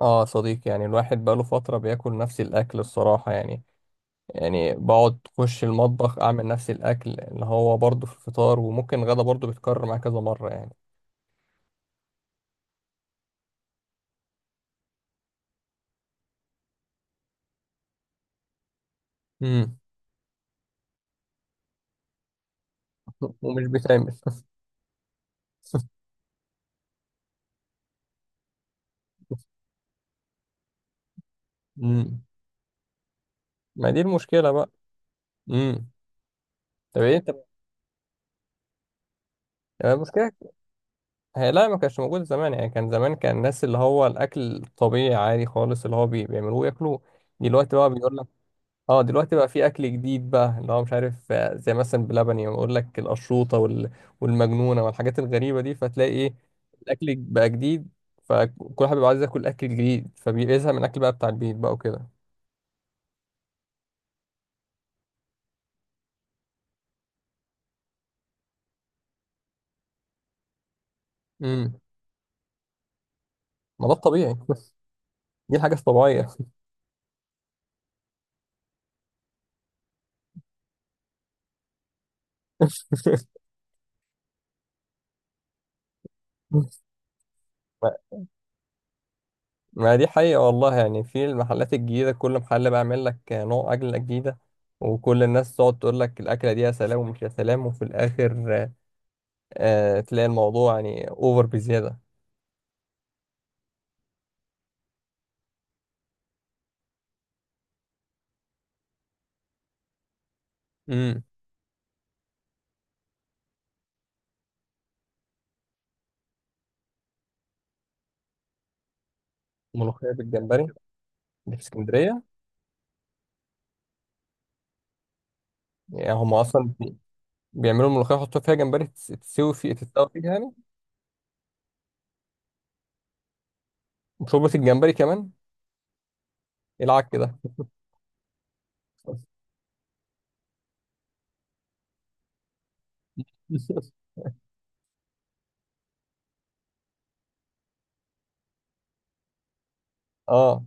اه، صديق يعني الواحد بقاله فترة بياكل نفس الأكل الصراحة يعني بقعد أخش المطبخ أعمل نفس الأكل اللي هو برضه في الفطار، وممكن غدا برضه بيتكرر معايا كذا مرة يعني. امم. ومش بيتعمل. امم. ما دي المشكلة بقى. امم. طب ايه انت؟ المشكلة هي، لا ما كانش موجود زمان، يعني كان زمان، كان الناس اللي هو الأكل الطبيعي عادي خالص اللي هو بيعملوه ياكلوه. دلوقتي بقى بيقول لك، اه دلوقتي بقى في اكل جديد بقى اللي هو مش عارف آه، زي مثلا بلبن يعني بقول لك القشروطه والمجنونه والحاجات الغريبه دي فتلاقي ايه، الاكل بقى جديد. فكل واحد بيبقى عايز ياكل اكل جديد فبيزهق من الاكل بقى بتاع البيت بقى وكده. امم. ما ده الطبيعي. دي الحاجه الطبيعيه. ما ما دي حقيقة والله، يعني في المحلات الجديدة كل محل بيعمل لك نوع أكلة جديدة، وكل الناس تقعد تقول لك الأكلة دي يا سلام ومش يا سلام، وفي الآخر آه، تلاقي الموضوع يعني أوفر بزيادة. امم. ملوخية بالجمبري، اللي في اسكندرية؟ يعني هم أصلا بيعملوا الملوخية يحطوا فيها جمبري، تس- تسوي في تتسوى فيها يعني. وشوربة الجمبري كمان؟ إيه العك كده؟ اه.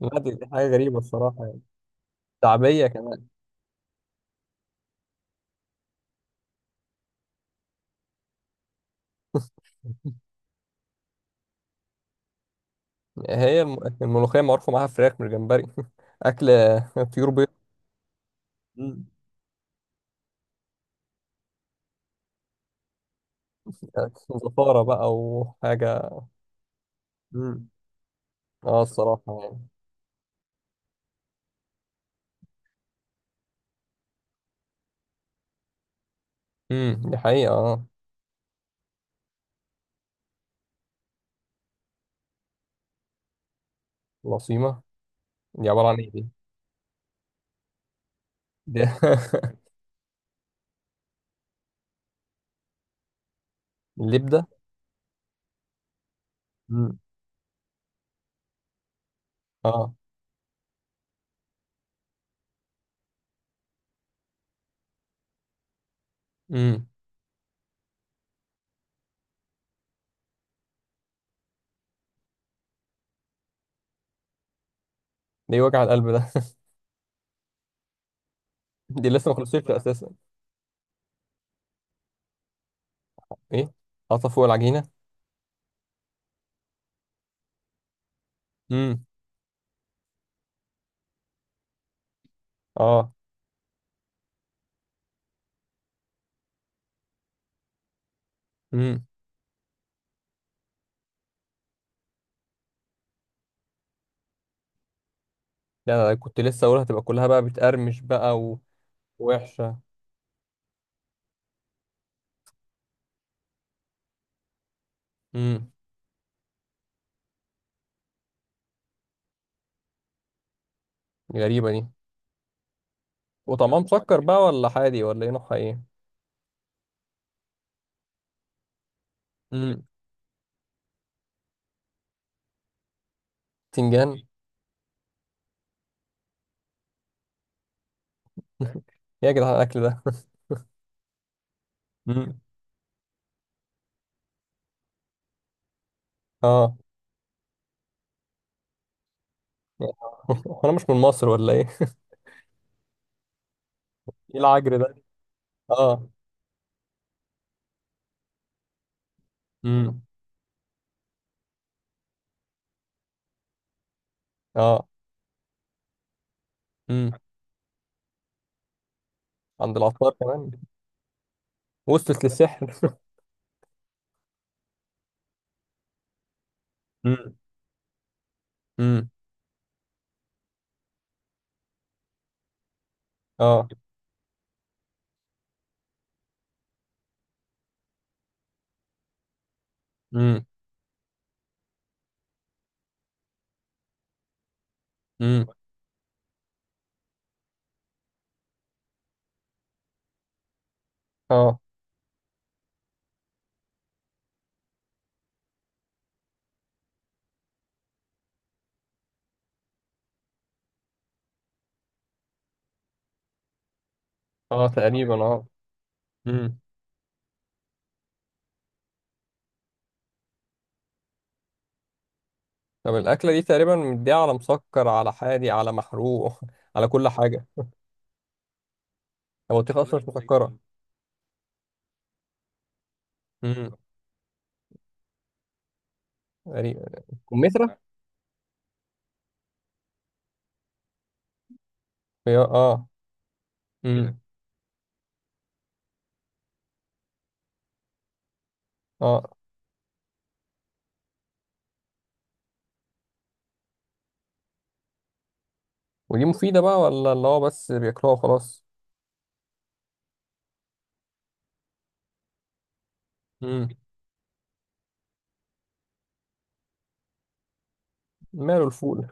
لا دي حاجة غريبة الصراحة يعني. شعبية كمان؟ الملوخية معروفة معاها فراخ من الجمبري. أكل طيور بيض. امم. زفارة بقى وحاجة. مم. اه الصراحة يعني. امم، دي حقيقة اه. العصيمة؟ دي عبارة عن ايه دي؟ دي اللبدة. مم. اه. امم. ده إيه وجع القلب ده؟ دي لسه ما خلصتش اساسا. ايه، حاطه فوق العجينه؟ امم. اه. امم. لا لا لا، كنت لسه اقولها هتبقى كلها بقى بتقرمش بقى ووحشه. امم. غريبه دي. وطعمها مسكر بقى ولا حادي ولا ايه نوعها ايه؟ امم. تنجان؟ يا جدعان الاكل ده. امم. اه. انا مش من مصر ولا ايه؟ ايه العجر ده؟ اه. امم. اه. امم. عند العطار كمان؟ وصلت للسحر. امم. امم. اه. امم. امم. اه. اه تقريبا اه. امم. طب الاكله دي تقريبا مديها على مسكر على حادي على محروق، على كل حاجه. البطيخ اصلا مش مسكره. امم. تقريبا كمثرى. اه. امم. اه. ودي مفيده بقى ولا اللي هو بس بياكلوها وخلاص؟ امم. ماله الفول.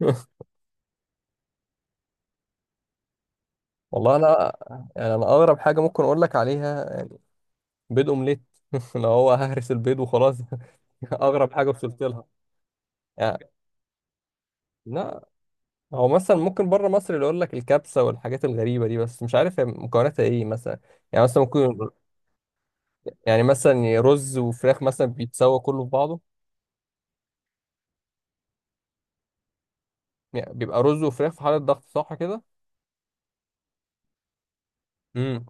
والله انا يعني، انا اغرب حاجه ممكن اقول لك عليها بيض اومليت. اللي هو ههرس البيض وخلاص. اغرب حاجه وصلت لها يعني. لا، هو مثلا ممكن بره مصر اللي يقول لك الكبسه والحاجات الغريبه دي، بس مش عارف هي مكوناتها ايه مثلا. يعني مثلا ممكن، يعني مثلا رز وفراخ مثلا بيتسوى كله في بعضه. يعني بيبقى رز وفراخ في حاله ضغط صح كده. امم.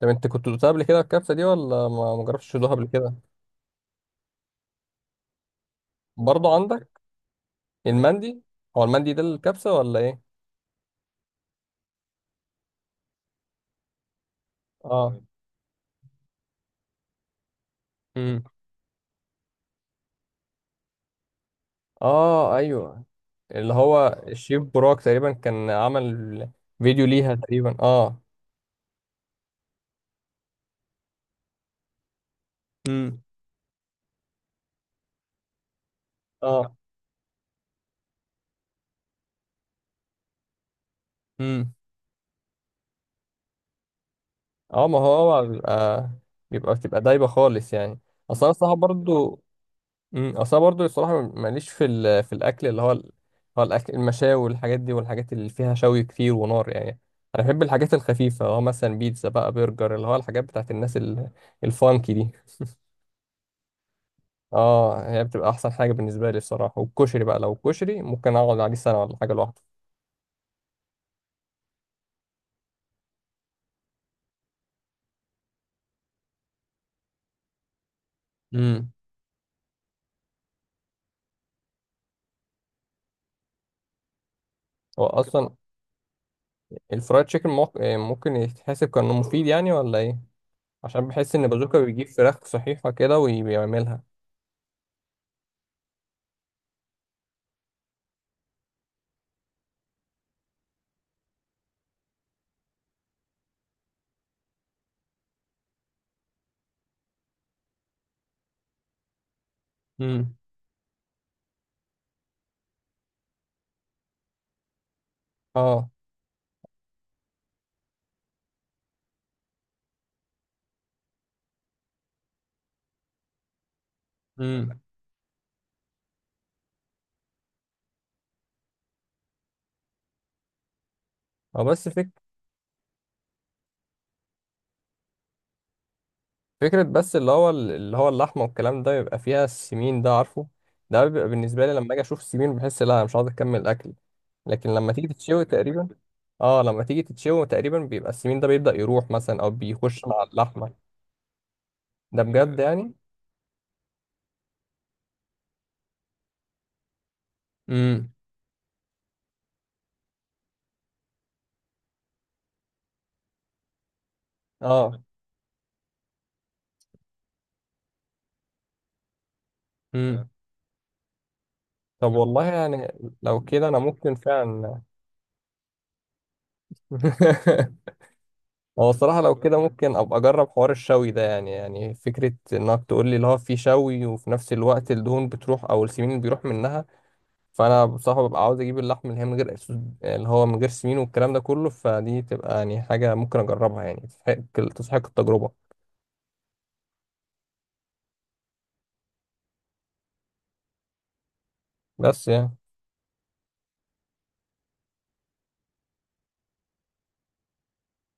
طب انت كنت دوقتها قبل كده الكبسه دي ولا ما جربتش تدوقها قبل كده؟ برضه عندك المندي. هو المندي ده الكبسه ولا ايه؟ اه. امم. اه ايوه. اللي هو الشيف براك تقريبا كان عمل فيديو ليها تقريبا اه. امم. اه. اه ما هو بيبقى بتبقى دايبه خالص يعني. اصل انا الصراحه برضو. امم، اصل أنا برضو الصراحه ماليش في الاكل هو الاكل المشاوي والحاجات دي والحاجات اللي فيها شوي كتير ونار يعني. انا بحب الحاجات الخفيفه اللي هو مثلا بيتزا بقى برجر، اللي هو الحاجات بتاعت الناس الفانكي دي. اه، هي بتبقى احسن حاجه بالنسبه لي الصراحه، والكشري بقى لو كشري ممكن اقعد عليه سنه ولا حاجه لوحده. امم. هو اصلا الفرايد تشيكن ممكن يتحسب كأنه مفيد يعني ولا ايه؟ عشان بحس ان بازوكا بيجيب فراخ صحيحة كده وبيعملها. امم. اه. امم. هو بس فك... فكرة بس اللي هو اللي هو اللحمة والكلام ده بيبقى فيها السمين ده عارفه. ده بيبقى بالنسبة لي لما اجي اشوف السمين بحس لا انا مش عاوز اكمل اكل. لكن لما تيجي تتشوي تقريبا، اه لما تيجي تتشوي تقريبا بيبقى السمين ده بيبدأ يروح مثلا او بيخش مع اللحمة. ده بجد يعني. امم. اه. امم. طب والله يعني لو كده انا ممكن فعلا. هو الصراحة لو كده ممكن أبقى أجرب حوار الشوي ده، يعني فكرة إنك تقول لي اللي هو في شوي وفي نفس الوقت الدهون بتروح أو السمين اللي بيروح منها. فأنا بصراحة ببقى عاوز أجيب اللحم اللي هي من غير اللي هو من غير سمين والكلام ده كله، فدي تبقى يعني حاجة ممكن أجربها يعني، تستحق تستحق التجربة بس يعني